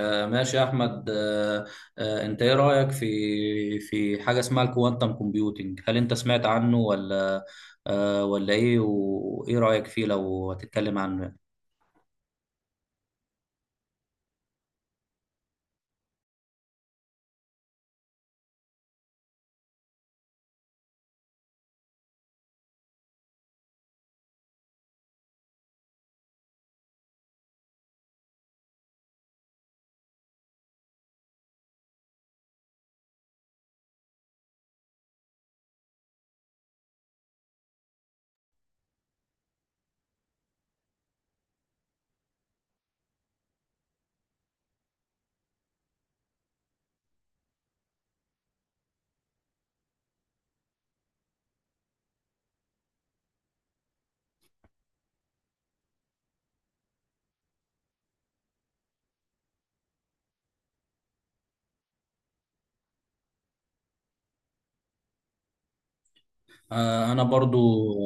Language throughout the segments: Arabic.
ماشي يا احمد. انت ايه رايك في حاجه اسمها الكوانتم كومبيوتنج؟ هل انت سمعت عنه ولا؟ ولا ايه؟ وايه رايك فيه لو هتتكلم عنه؟ أنا برضو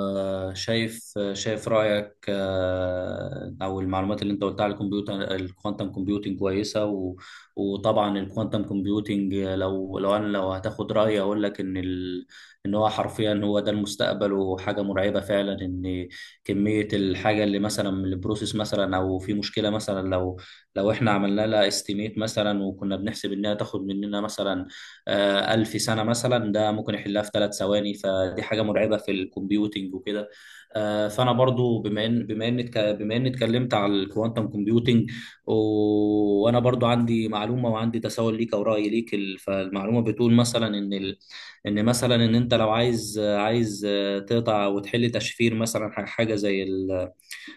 شايف رأيك. أو المعلومات اللي أنت قلتها على الكمبيوتر الكوانتم كومبيوتنج كويسة وطبعا الكوانتم كومبيوتنج، لو أنا لو هتاخد رأيي أقول لك إن هو حرفيا هو ده المستقبل، وحاجة مرعبة فعلا. إن كمية الحاجة اللي مثلا من البروسيس مثلا أو في مشكلة مثلا، لو إحنا عملنا لها استيميت مثلا وكنا بنحسب إنها تاخد مننا مثلا 1000 سنة مثلا، ده ممكن يحلها في 3 ثواني، فدي حاجة مرعبة في الكمبيوتنج وكده. فأنا برضو بما إن اتكلمت على الكوانتم كومبيوتنج، وأنا برضو عندي معلومة وعندي تساؤل ليك أو رأي ليك. فالمعلومة بتقول مثلا إن مثلا إن أنت لو عايز، تقطع وتحل تشفير مثلا، حاجة زي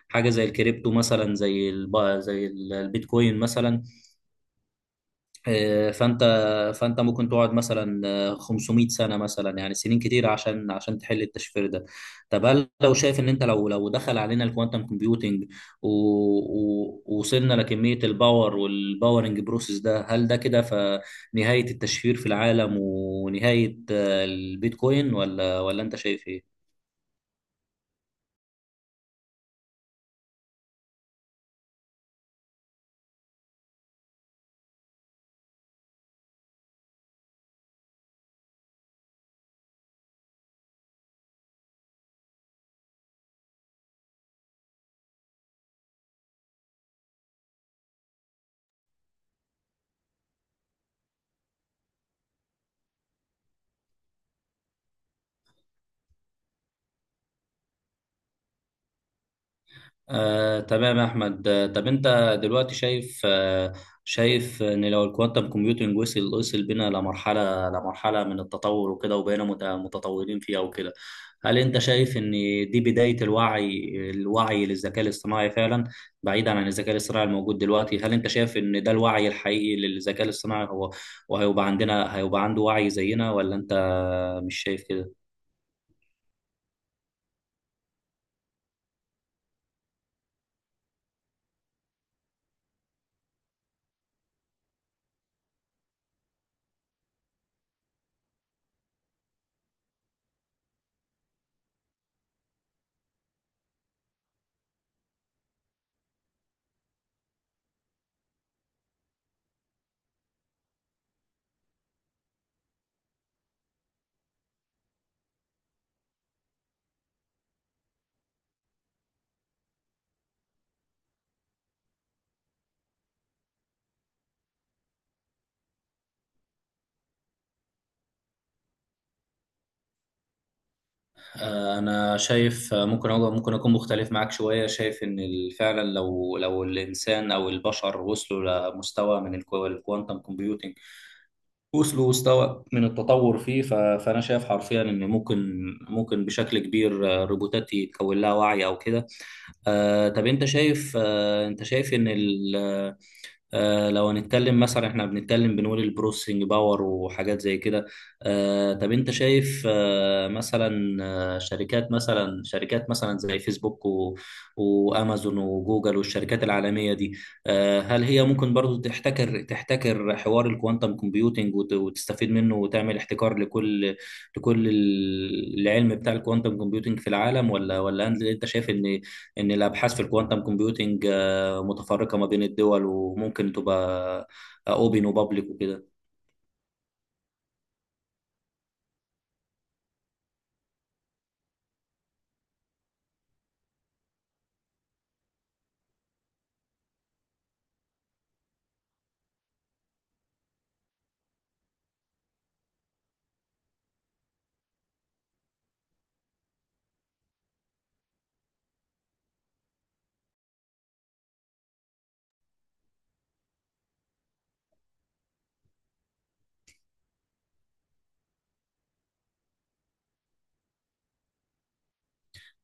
حاجة زي الكريبتو مثلا، زي زي البيتكوين مثلا. آه، فانت فانت ممكن تقعد مثلا 500 سنه مثلا، يعني سنين كتير عشان تحل التشفير ده. طب هل لو شايف ان انت، لو دخل علينا الكوانتم كومبيوتنج ووصلنا لكميه الباور والباورنج بروسيس ده، هل ده كده فنهايه التشفير في العالم ونهايه البيتكوين، ولا انت شايف ايه؟ تمام يا احمد. طب انت دلوقتي شايف، شايف ان لو الكوانتم كومبيوتنج وصل بينا لمرحله من التطور وكده، وبقينا متطورين فيها وكده، هل انت شايف ان دي بدايه الوعي للذكاء الاصطناعي فعلا؟ بعيدا عن الذكاء الاصطناعي الموجود دلوقتي، هل انت شايف ان ده الوعي الحقيقي للذكاء الاصطناعي، هو وهيبقى عندنا، عنده وعي زينا ولا انت مش شايف كده؟ انا شايف. ممكن اكون مختلف معاك شويه. شايف ان فعلا لو، الانسان او البشر وصلوا لمستوى من الكوانتم كومبيوتنج، وصل مستوى من التطور فيه، فانا شايف حرفيا ان ممكن، بشكل كبير، الروبوتات يتكون لها وعي او كده. طب انت شايف ان ال آه، لو هنتكلم مثلا، احنا بنتكلم بنقول البروسيسنج باور وحاجات زي كده. طب انت شايف، مثلا، شركات مثلا، زي فيسبوك وامازون وجوجل والشركات العالمية دي. هل هي ممكن برضو تحتكر، حوار الكوانتم كومبيوتنج، وتستفيد منه وتعمل احتكار لكل، العلم بتاع الكوانتم كومبيوتنج في العالم، ولا أنت شايف ان الابحاث في الكوانتم كومبيوتنج، متفرقة ما بين الدول، وممكن تبقى اوبن وبابليك وكده.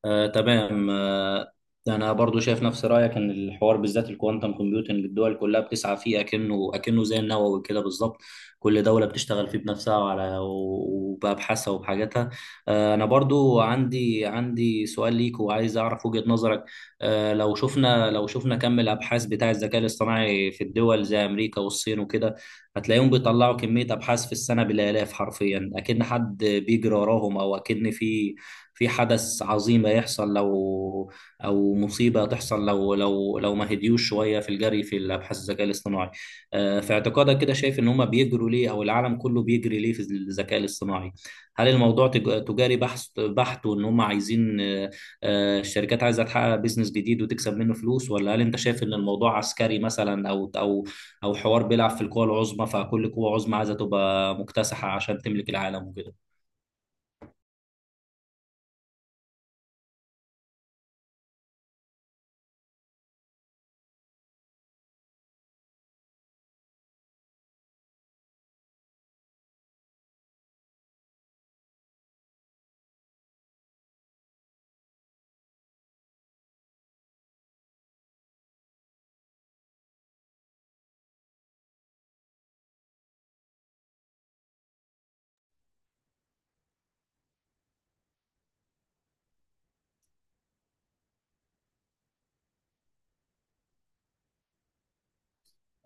تمام. انا برضو شايف نفس رايك ان الحوار، بالذات الكوانتم كومبيوتنج، الدول كلها بتسعى فيه اكنه زي النووي كده بالظبط. كل دوله بتشتغل فيه بنفسها وبابحاثها وبحاجاتها. انا برضو عندي، سؤال ليك وعايز اعرف وجهه نظرك. لو شفنا، كم الابحاث بتاع الذكاء الاصطناعي في الدول زي امريكا والصين وكده، هتلاقيهم بيطلعوا كميه ابحاث في السنه بالالاف حرفيا، اكن حد بيجري وراهم، او اكن في، حدث عظيم هيحصل لو، او مصيبه تحصل لو، ما هديوش شويه في الجري في الابحاث الذكاء الاصطناعي. في اعتقادك كده، شايف ان هم بيجروا ليه او العالم كله بيجري ليه في الذكاء الاصطناعي؟ هل الموضوع تجاري بحث بحت، وان هم عايزين، الشركات عايزه تحقق بيزنس جديد وتكسب منه فلوس؟ ولا هل انت شايف ان الموضوع عسكري مثلا، او، حوار بيلعب في القوى العظمى، فكل قوه عظمى عايزه تبقى مكتسحه عشان تملك العالم وكده؟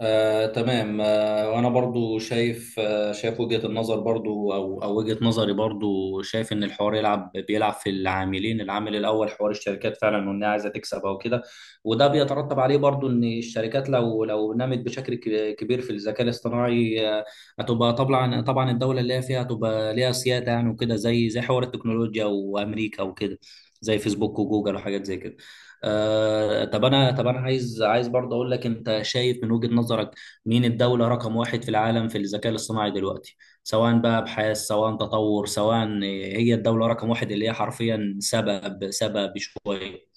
تمام. وانا برضو شايف، وجهة النظر برضو، او وجهة نظري، برضو شايف ان الحوار يلعب بيلعب في العاملين. العامل الاول حوار الشركات فعلا، وانها عايزه تكسب او كده. وده بيترتب عليه برضو ان الشركات لو، نمت بشكل كبير في الذكاء الاصطناعي، هتبقى طبعا، الدولة اللي هي فيها هتبقى ليها سيادة يعني وكده، زي، حوار التكنولوجيا وامريكا وكده، زي فيسبوك وجوجل وحاجات زي كده. طب انا، عايز، برضه اقول لك، انت شايف من وجهة نظرك مين الدولة رقم واحد في العالم في الذكاء الاصطناعي دلوقتي؟ سواء بقى ابحاث، سواء تطور، سواء، هي الدولة رقم واحد اللي هي حرفيا سبب، شوية.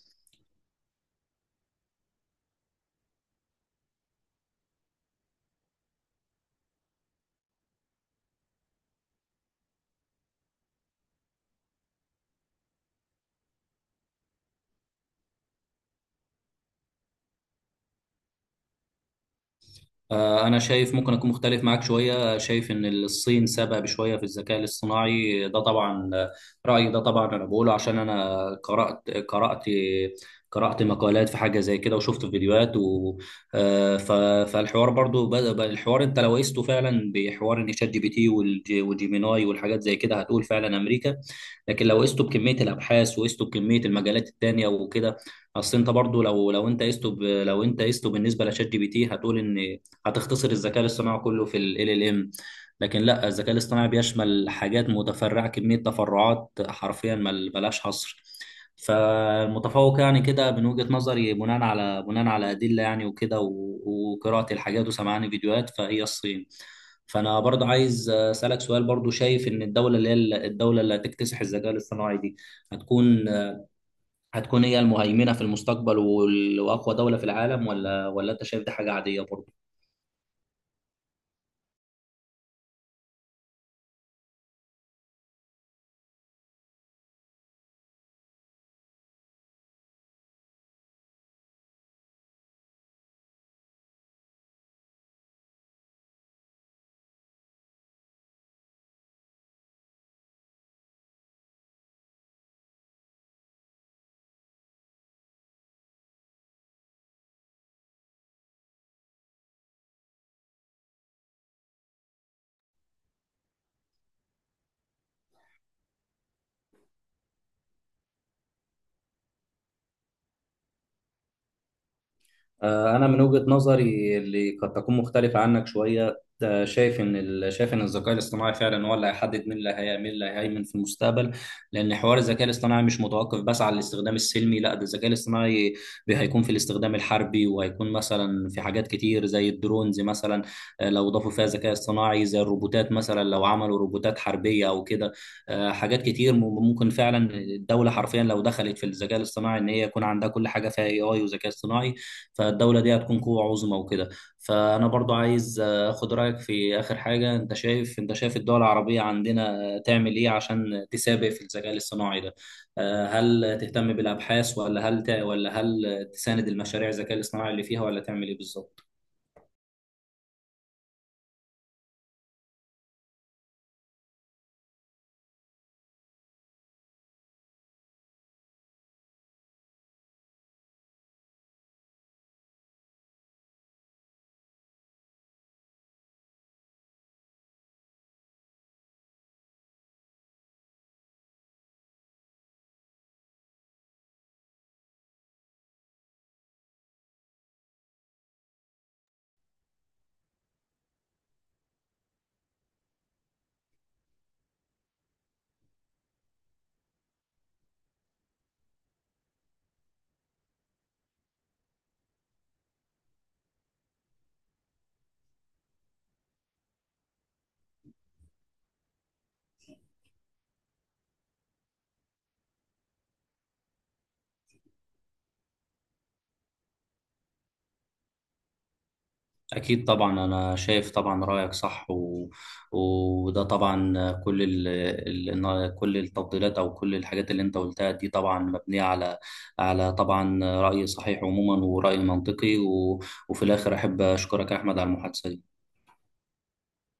أنا شايف ممكن أكون مختلف معاك شوية، شايف إن الصين سابقة بشوية في الذكاء الاصطناعي ده طبعا. رأيي ده طبعا أنا بقوله عشان أنا قرأت، مقالات في حاجة زي كده، وشفت فيديوهات آه، ف- فالحوار برضو بدأ، بقى الحوار أنت لو قيسته فعلا بحوار إن شات جي بي تي وجيميناي والحاجات زي كده، هتقول فعلا أمريكا. لكن لو قيسته بكمية الأبحاث وقيسته بكمية المجالات التانية وكده، أصل أنت برضو لو، أنت قيسته لو أنت قيسته بالنسبة لشات جي بي تي، هتقول إن هتختصر الذكاء الاصطناعي كله في ال LLM. لكن لا، الذكاء الاصطناعي بيشمل حاجات متفرعة، كمية تفرعات حرفيا ملهاش حصر. فالمتفوق يعني كده من وجهة نظري، بناء على، أدلة يعني وكده، وقراءة الحاجات وسمعان فيديوهات، فهي الصين. فأنا برضو عايز أسألك سؤال، برضو شايف إن الدولة اللي هي، الدولة اللي هتكتسح الذكاء الاصطناعي دي، هتكون، هي المهيمنة في المستقبل وأقوى دولة في العالم، ولا أنت شايف دي حاجة عادية برضو؟ أنا من وجهة نظري اللي قد تكون مختلفة عنك شوية، شايف إن شايف إن الذكاء الاصطناعي فعلا هو اللي هيحدد مين اللي، مين اللي هيهيمن في المستقبل. لأن حوار الذكاء الاصطناعي مش متوقف بس على الاستخدام السلمي، لا، ده الذكاء الاصطناعي هيكون في الاستخدام الحربي، وهيكون مثلا في حاجات كتير زي الدرونز مثلا. لو ضافوا فيها ذكاء اصطناعي زي الروبوتات مثلا، لو عملوا روبوتات حربية أو كده. حاجات كتير ممكن فعلا الدولة حرفيا لو دخلت في الذكاء الاصطناعي، إن هي يكون عندها كل حاجة فيها AI وذكاء اصطناعي، فالدولة دي هتكون قوة عظمى وكده. فأنا برضو عايز أخد رأيك في آخر حاجة، أنت شايف الدول العربية عندنا تعمل إيه عشان تسابق في الذكاء الاصطناعي ده؟ هل تهتم بالأبحاث، ولا هل ولا هل تساند المشاريع الذكاء الاصطناعي اللي فيها، ولا تعمل إيه بالظبط؟ أكيد طبعا، أنا شايف طبعا رأيك صح. وده طبعا كل إن كل التفضيلات أو كل الحاجات اللي أنت قلتها دي طبعا مبنية على، طبعا رأي صحيح عموما، ورأي منطقي. وفي الآخر أحب أشكرك يا أحمد على المحادثة دي.